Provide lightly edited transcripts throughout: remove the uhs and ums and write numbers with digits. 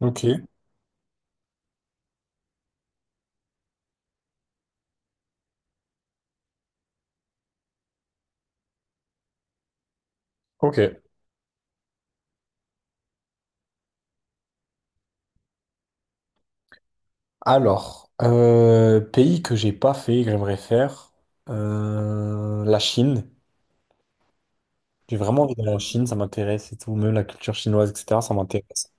Ok, ok. Alors, pays que j'ai pas fait, que j'aimerais faire, la Chine. J'ai vraiment envie d'aller en Chine, ça m'intéresse et tout, même la culture chinoise, etc., ça m'intéresse.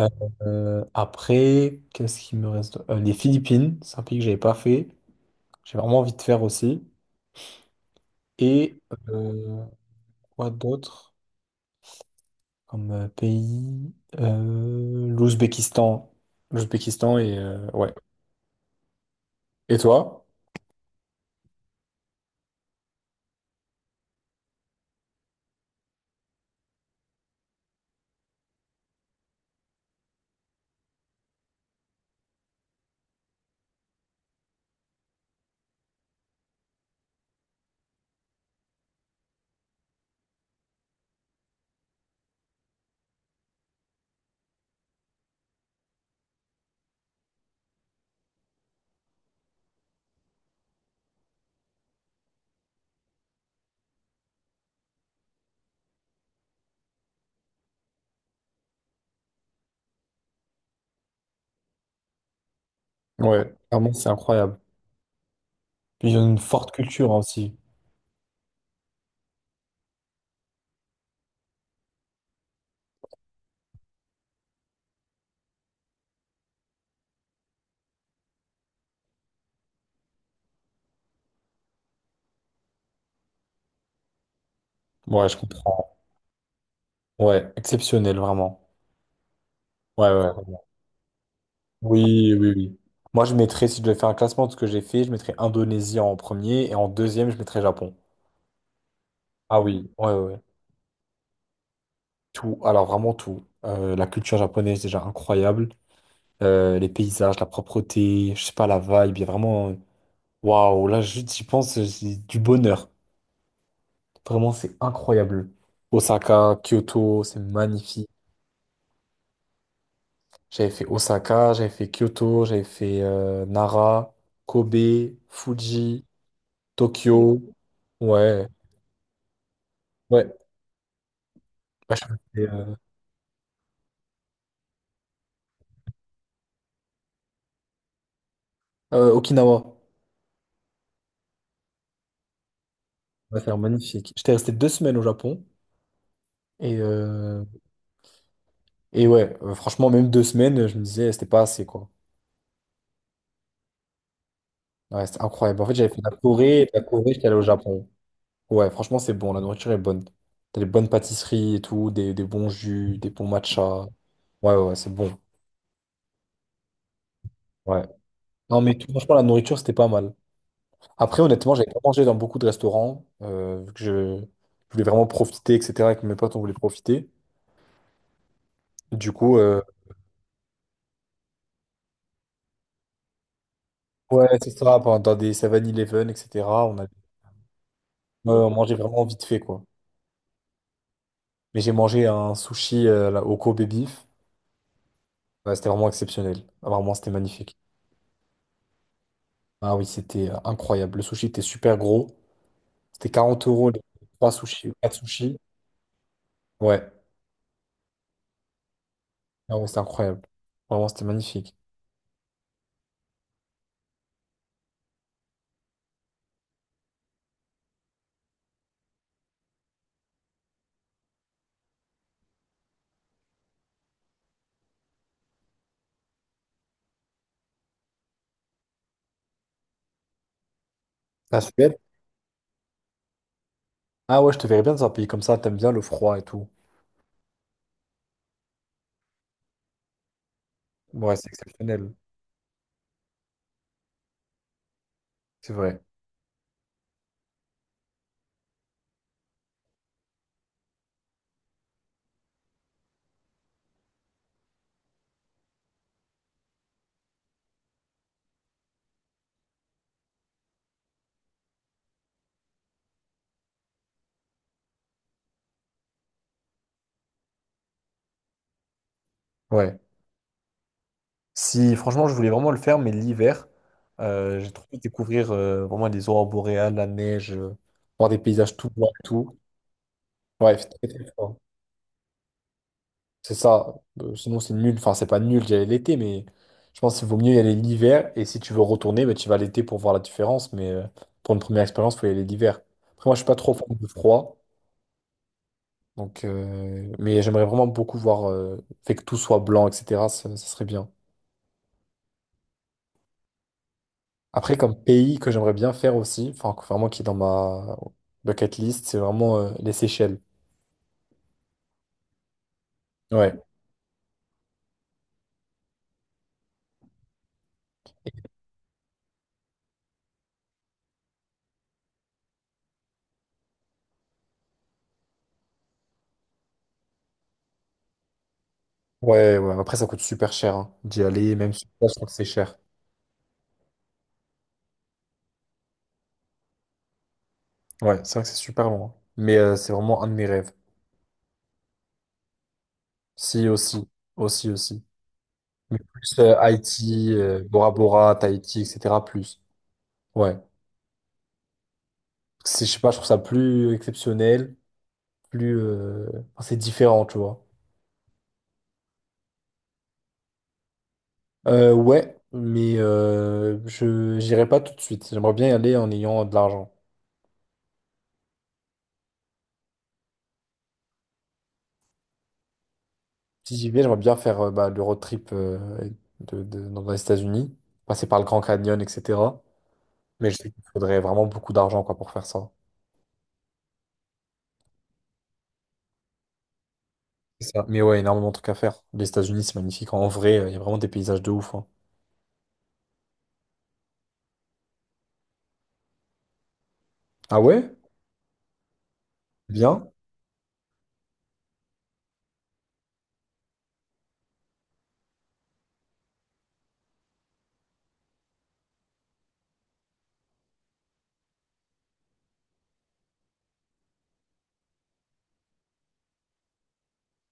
Euh, après, qu'est-ce qui me reste? Les Philippines, c'est un pays que j'avais pas fait, j'ai vraiment envie de faire aussi. Et euh, quoi d'autre comme pays? l'Ouzbékistan. L'Ouzbékistan et ouais. Et toi? Ouais, vraiment, c'est incroyable. Puis ils ont une forte culture, hein, aussi. Ouais, je comprends. Ouais, exceptionnel, vraiment. Ouais, ouais. Oui, oui, oui. Moi, je mettrais, si je devais faire un classement de ce que j'ai fait, je mettrais Indonésie en premier et en deuxième, je mettrais Japon. Ah oui, ouais, ouais, ouais. Tout, alors vraiment tout. La culture japonaise, déjà incroyable. Les paysages, la propreté, je sais pas, la vibe, il y a vraiment. Waouh, là, juste, j'y pense, c'est du bonheur. Vraiment, c'est incroyable. Osaka, Kyoto, c'est magnifique. J'avais fait Osaka, j'avais fait Kyoto, j'avais fait Nara, Kobe, Fuji, Tokyo. Ouais, ouais. Bah, je suis resté, euh, Okinawa. Ouais, c'est magnifique. J'étais resté 2 semaines au Japon. Et, euh, et ouais, franchement, même deux semaines, je me disais, c'était pas assez, quoi. Ouais, c'était incroyable. En fait, j'avais fait la Corée, et de la Corée, j'étais allé au Japon. Ouais, franchement, c'est bon, la nourriture est bonne. T'as des bonnes pâtisseries et tout, des bons jus, des bons matchas. Ouais, ouais, ouais, c'est bon. Ouais. Non, mais franchement, la nourriture, c'était pas mal. Après, honnêtement, j'avais pas mangé dans beaucoup de restaurants, vu que je voulais vraiment profiter, etc., et que mes potes, on voulait profiter. Du coup, ouais, c'est ça, dans des 7-Eleven, etc., on a, ouais, on mangeait vraiment vite fait, quoi. Mais j'ai mangé un sushi là, au Kobe Beef. Ouais, c'était vraiment exceptionnel. Ah, vraiment, c'était magnifique. Ah oui, c'était incroyable. Le sushi était super gros. C'était 40 euros, les 3 sushis, 4 sushis. Ouais, ah ouais, c'était incroyable. Vraiment, c'était magnifique. La Suède? Ah ouais, je te verrais bien dans un pays comme ça, t'aimes bien le froid et tout. Ouais, c'est exceptionnel, c'est vrai. Ouais. Si, franchement, je voulais vraiment le faire, mais l'hiver, j'ai trop envie de découvrir vraiment les aurores boréales, la neige, voir des paysages tout blancs et tout. Ouais, c'est très très fort. C'est ça. Sinon, c'est nul. Enfin, c'est pas nul d'y aller l'été, mais je pense qu'il vaut mieux y aller l'hiver. Et si tu veux retourner, bah, tu vas l'été pour voir la différence. Mais pour une première expérience, il faut y aller l'hiver. Après, moi, je suis pas trop fan de froid. Donc, mais j'aimerais vraiment beaucoup voir, fait que tout soit blanc, etc. Ça serait bien. Après, comme pays que j'aimerais bien faire aussi, enfin, que vraiment qui est dans ma bucket list, c'est vraiment les Seychelles. Ouais. Ouais, ouais. Après, ça coûte super cher, hein, d'y aller, même sur place, je crois que c'est cher. Ouais, c'est vrai que c'est super loin. Mais c'est vraiment un de mes rêves. Si, aussi. Aussi, aussi. Mais plus Haïti, Bora Bora, Tahiti, etc. Plus. Ouais. C'est, je sais pas, je trouve ça plus exceptionnel, plus. Enfin, c'est différent, tu vois. Ouais, mais je j'irai pas tout de suite. J'aimerais bien y aller en ayant de l'argent. Si j'y vais, j'aimerais bien faire bah, le road trip dans les États-Unis, passer par le Grand Canyon, etc. Mais je sais qu'il faudrait vraiment beaucoup d'argent, quoi, pour faire ça. C'est ça. Mais ouais, énormément de trucs à faire. Les États-Unis, c'est magnifique. En vrai, il y a vraiment des paysages de ouf, hein. Ah ouais? Bien?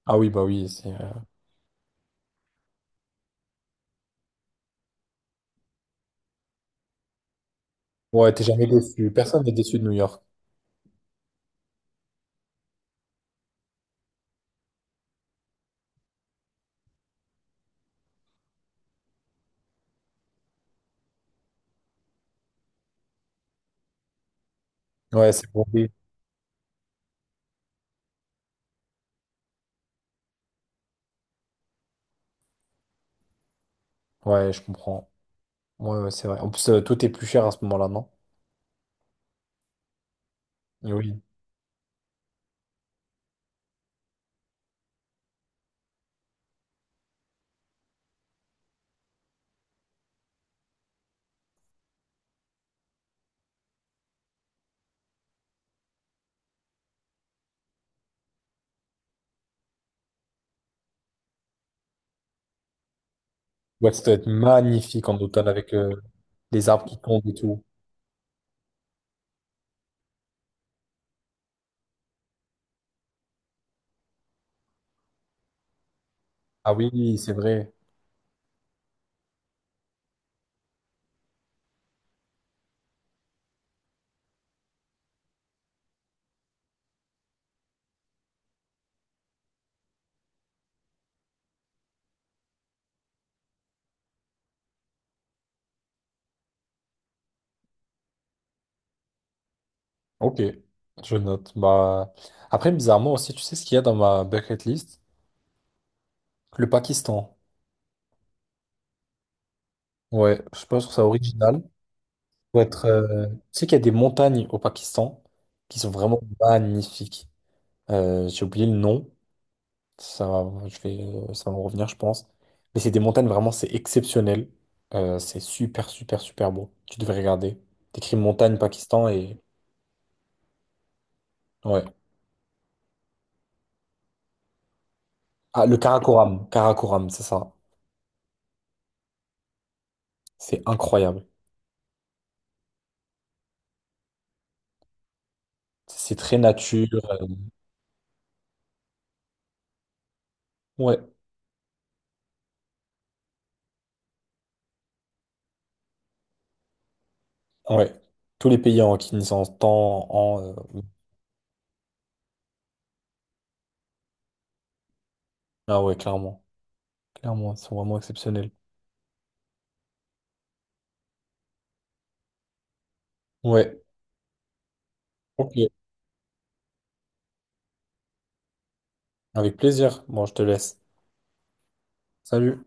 Ah oui, bah oui. Ouais, t'es jamais déçu. Personne n'est déçu de New York. Ouais, c'est bon. Ouais, je comprends. Ouais, ouais, c'est vrai. En plus, tout est plus cher à ce moment-là, non? Et oui. Ouais, ça doit être magnifique en automne avec les arbres qui tombent et tout. Ah oui, c'est vrai. Ok, je note. Bah... Après, bizarrement aussi, tu sais ce qu'il y a dans ma bucket list? Le Pakistan. Ouais, je sais pas, si je trouve ça original. Faut être, euh, Tu sais qu'il y a des montagnes au Pakistan qui sont vraiment magnifiques. J'ai oublié le nom. Je vais... Ça va me revenir, je pense. Mais c'est des montagnes vraiment, c'est exceptionnel. C'est super, super, super beau. Tu devrais regarder. T'écris montagne Pakistan et... Ouais. Ah, le Karakoram. Karakoram, c'est ça. C'est incroyable. C'est très nature. euh, Ouais, ouais. Tous les pays en qui en temps, en... oui. Ah ouais, clairement. Clairement, ils sont vraiment exceptionnels. Ouais, ok. Avec plaisir. Bon, je te laisse. Salut.